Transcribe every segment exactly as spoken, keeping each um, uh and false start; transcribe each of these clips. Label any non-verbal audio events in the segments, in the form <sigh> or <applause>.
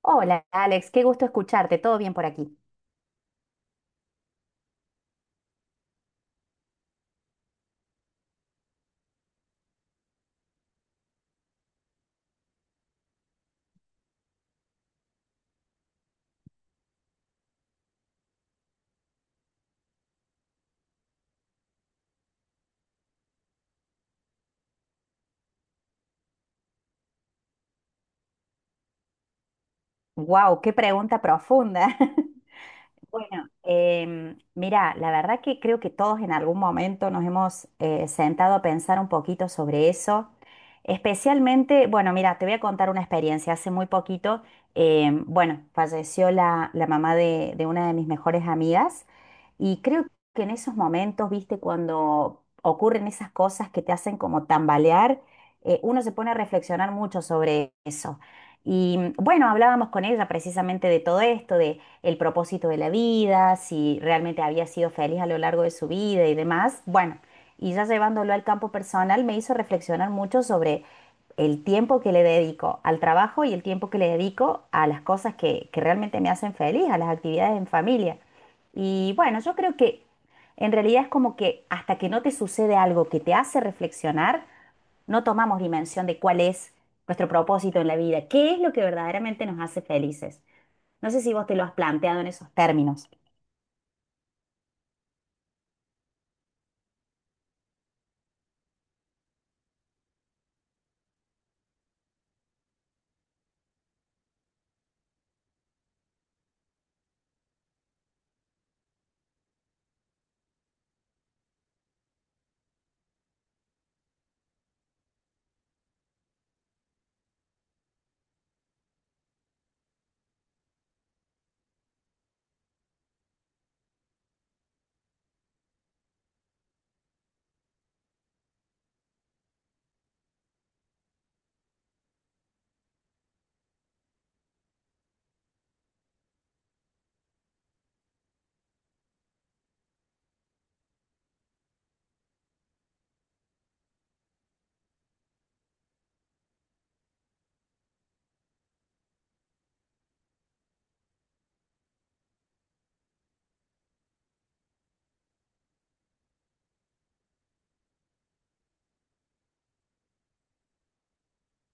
Hola Alex, qué gusto escucharte, todo bien por aquí. Wow, qué pregunta profunda. <laughs> Bueno, em, mira, la verdad que creo que todos en algún momento nos hemos eh, sentado a pensar un poquito sobre eso. Especialmente, bueno, mira, te voy a contar una experiencia. Hace muy poquito, em, bueno, falleció la, la mamá de, de una de mis mejores amigas y creo que en esos momentos, viste, cuando ocurren esas cosas que te hacen como tambalear, eh, uno se pone a reflexionar mucho sobre eso. Y bueno, hablábamos con ella precisamente de todo esto, de el propósito de la vida, si realmente había sido feliz a lo largo de su vida y demás. Bueno, y ya llevándolo al campo personal me hizo reflexionar mucho sobre el tiempo que le dedico al trabajo y el tiempo que le dedico a las cosas que, que realmente me hacen feliz, a las actividades en familia. Y bueno, yo creo que en realidad es como que hasta que no te sucede algo que te hace reflexionar, no tomamos dimensión de cuál es nuestro propósito en la vida, qué es lo que verdaderamente nos hace felices. No sé si vos te lo has planteado en esos términos.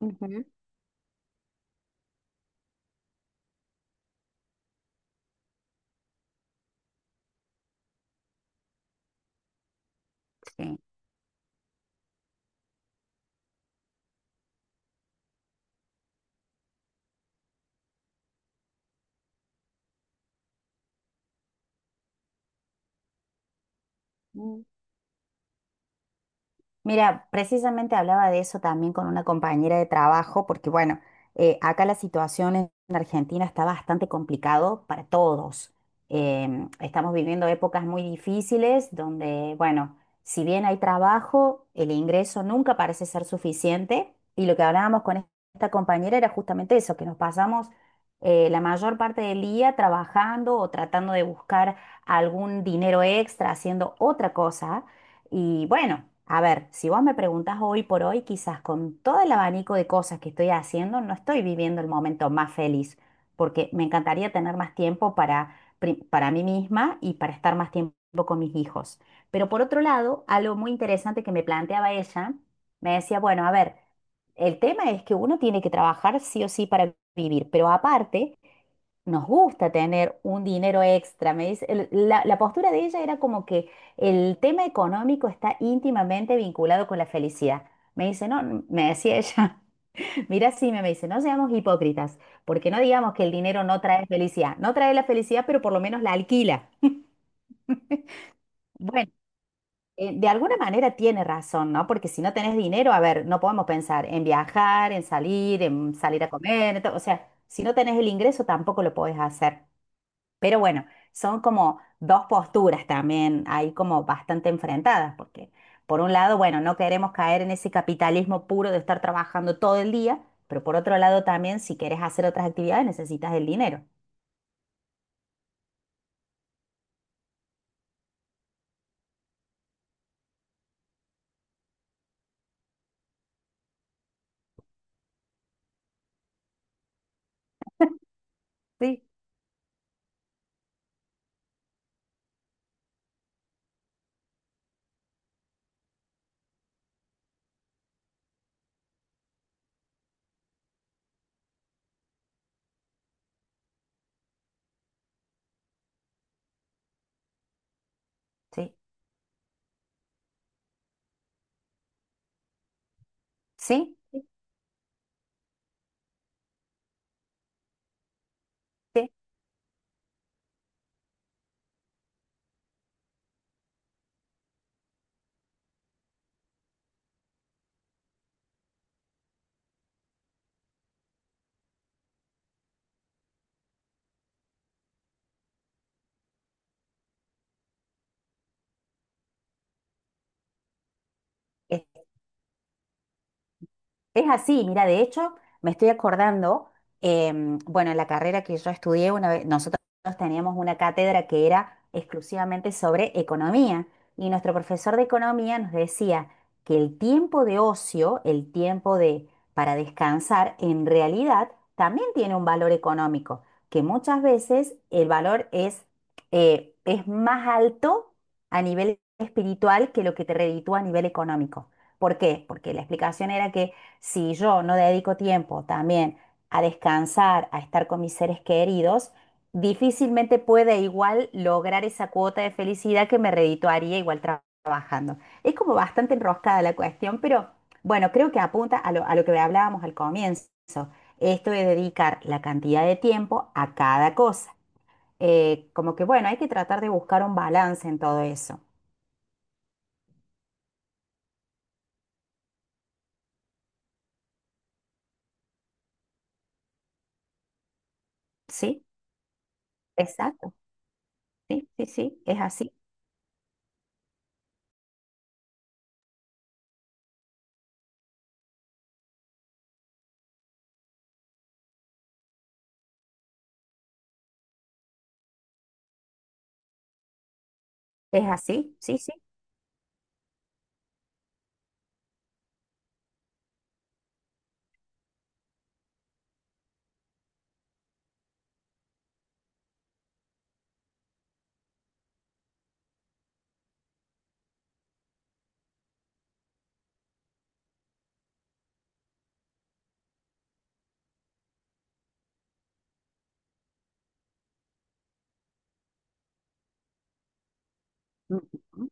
Ujú. Sí. Mm. Mira, precisamente hablaba de eso también con una compañera de trabajo, porque bueno, eh, acá la situación en Argentina está bastante complicado para todos. Em, estamos viviendo épocas muy difíciles donde, bueno, si bien hay trabajo, el ingreso nunca parece ser suficiente. Y lo que hablábamos con esta compañera era justamente eso, que nos pasamos eh, la mayor parte del día trabajando o tratando de buscar algún dinero extra haciendo otra cosa y bueno, a ver, si vos me preguntás hoy por hoy, quizás con todo el abanico de cosas que estoy haciendo, no estoy viviendo el momento más feliz, porque me encantaría tener más tiempo para, pri- para mí misma y para estar más tiempo con mis hijos. Pero por otro lado, algo muy interesante que me planteaba ella, me decía, bueno, a ver, el tema es que uno tiene que trabajar sí o sí para vivir, pero aparte nos gusta tener un dinero extra. Me dice, el- la, la postura de ella era como que el tema económico está íntimamente vinculado con la felicidad. Me dice, no, me decía ella, <laughs> mira, sí, me dice, no seamos hipócritas, porque no digamos que el dinero no trae felicidad. No trae la felicidad, pero por lo menos la alquila. <laughs> Bueno, eh, de alguna manera tiene razón, ¿no? Porque si no tenés dinero, a ver, no podemos pensar en viajar, en salir, en salir a comer, to- o sea, si no tenés el ingreso tampoco lo podés hacer. Pero bueno, son como dos posturas también ahí como bastante enfrentadas, porque por un lado, bueno, no queremos caer en ese capitalismo puro de estar trabajando todo el día, pero por otro lado también, si quieres hacer otras actividades, necesitas el dinero. Sí, sí, sí, sí, sí. Es así, mira, de hecho, me estoy acordando, em, bueno, en la carrera que yo estudié, una vez, nosotros teníamos una cátedra que era exclusivamente sobre economía y nuestro profesor de economía nos decía que el tiempo de ocio, el tiempo de para descansar, en realidad también tiene un valor económico, que muchas veces el valor es, eh, es más alto a nivel espiritual que lo que te reditúa a nivel económico. ¿Por qué? Porque la explicación era que si yo no dedico tiempo también a descansar, a estar con mis seres queridos, difícilmente puede igual lograr esa cuota de felicidad que me redituaría igual tra- trabajando. Es como bastante enroscada la cuestión, pero bueno, creo que apunta a lo, a lo que hablábamos al comienzo. Esto de dedicar la cantidad de tiempo a cada cosa. Eh, como que bueno, hay que tratar de buscar un balance en todo eso. Sí, exacto. Sí, sí, sí, es así. Es así, sí, sí. Ujú.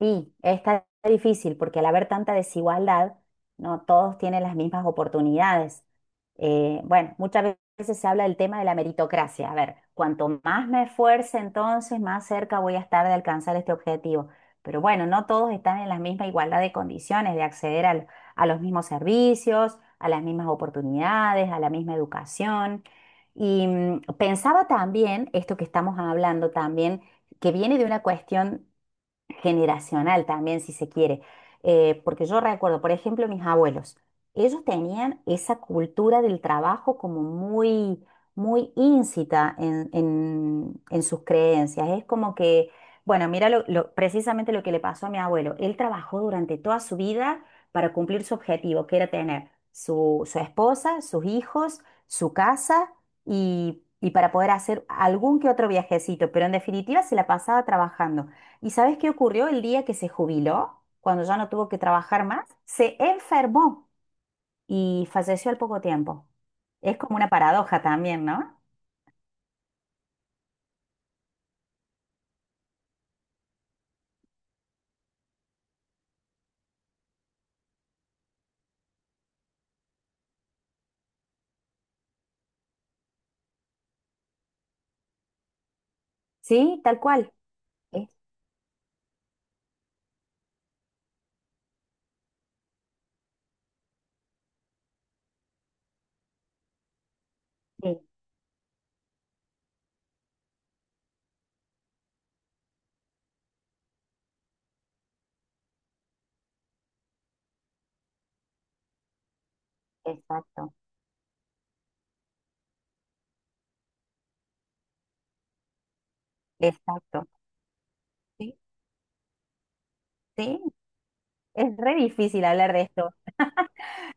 Sí, está difícil porque al haber tanta desigualdad, no todos tienen las mismas oportunidades. Eh, bueno, muchas veces se habla del tema de la meritocracia. A ver, cuanto más me esfuerce, entonces más cerca voy a estar de alcanzar este objetivo. Pero bueno, no todos están en la misma igualdad de condiciones de acceder al- a los mismos servicios, a las mismas oportunidades, a la misma educación. Y mm, pensaba también, esto que estamos hablando también, que viene de una cuestión generacional también, si se quiere. Eh, porque yo recuerdo, por ejemplo, mis abuelos, ellos tenían esa cultura del trabajo como muy, muy íncita en, en- en sus creencias. Es como que, bueno, mira lo- lo- precisamente lo que le pasó a mi abuelo. Él trabajó durante toda su vida para cumplir su objetivo, que era tener su, su esposa, sus hijos, su casa y, y para poder hacer algún que otro viajecito, pero en definitiva se la pasaba trabajando. ¿Y sabes qué ocurrió el día que se jubiló? Cuando ya no tuvo que trabajar más, se enfermó y falleció al poco tiempo. Es como una paradoja también, ¿no? Sí, tal cual. Es- sí, exacto, exacto. Sí, sí, es re difícil hablar de esto.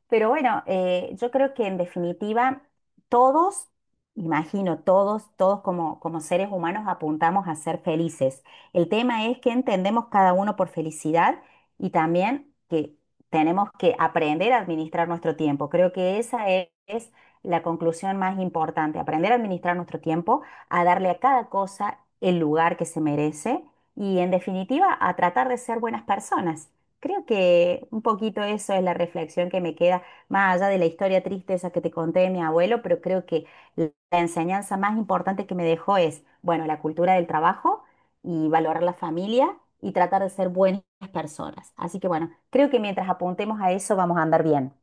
Pero bueno, eh, yo creo que en definitiva todos, imagino, todos, todos como, como seres humanos apuntamos a ser felices. El tema es que entendemos cada uno por felicidad y también que tenemos que aprender a administrar nuestro tiempo. Creo que esa e- es la conclusión más importante, aprender a administrar nuestro tiempo, a darle a cada cosa el lugar que se merece y en definitiva a tratar de ser buenas personas. Creo que un poquito eso es la reflexión que me queda, más allá de la historia triste esa que te conté de mi abuelo, pero creo que la enseñanza más importante que me dejó es, bueno, la cultura del trabajo y valorar la familia y tratar de ser buenas personas. Así que bueno, creo que mientras apuntemos a eso vamos a andar bien.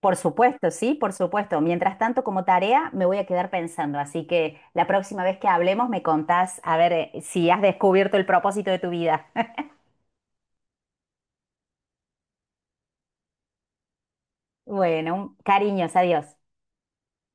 Por supuesto, sí, por supuesto. Mientras tanto, como tarea, me voy a quedar pensando. Así que la próxima vez que hablemos me contás a ver eh, si has descubierto el propósito de tu vida. <laughs> Bueno, un- cariños, adiós.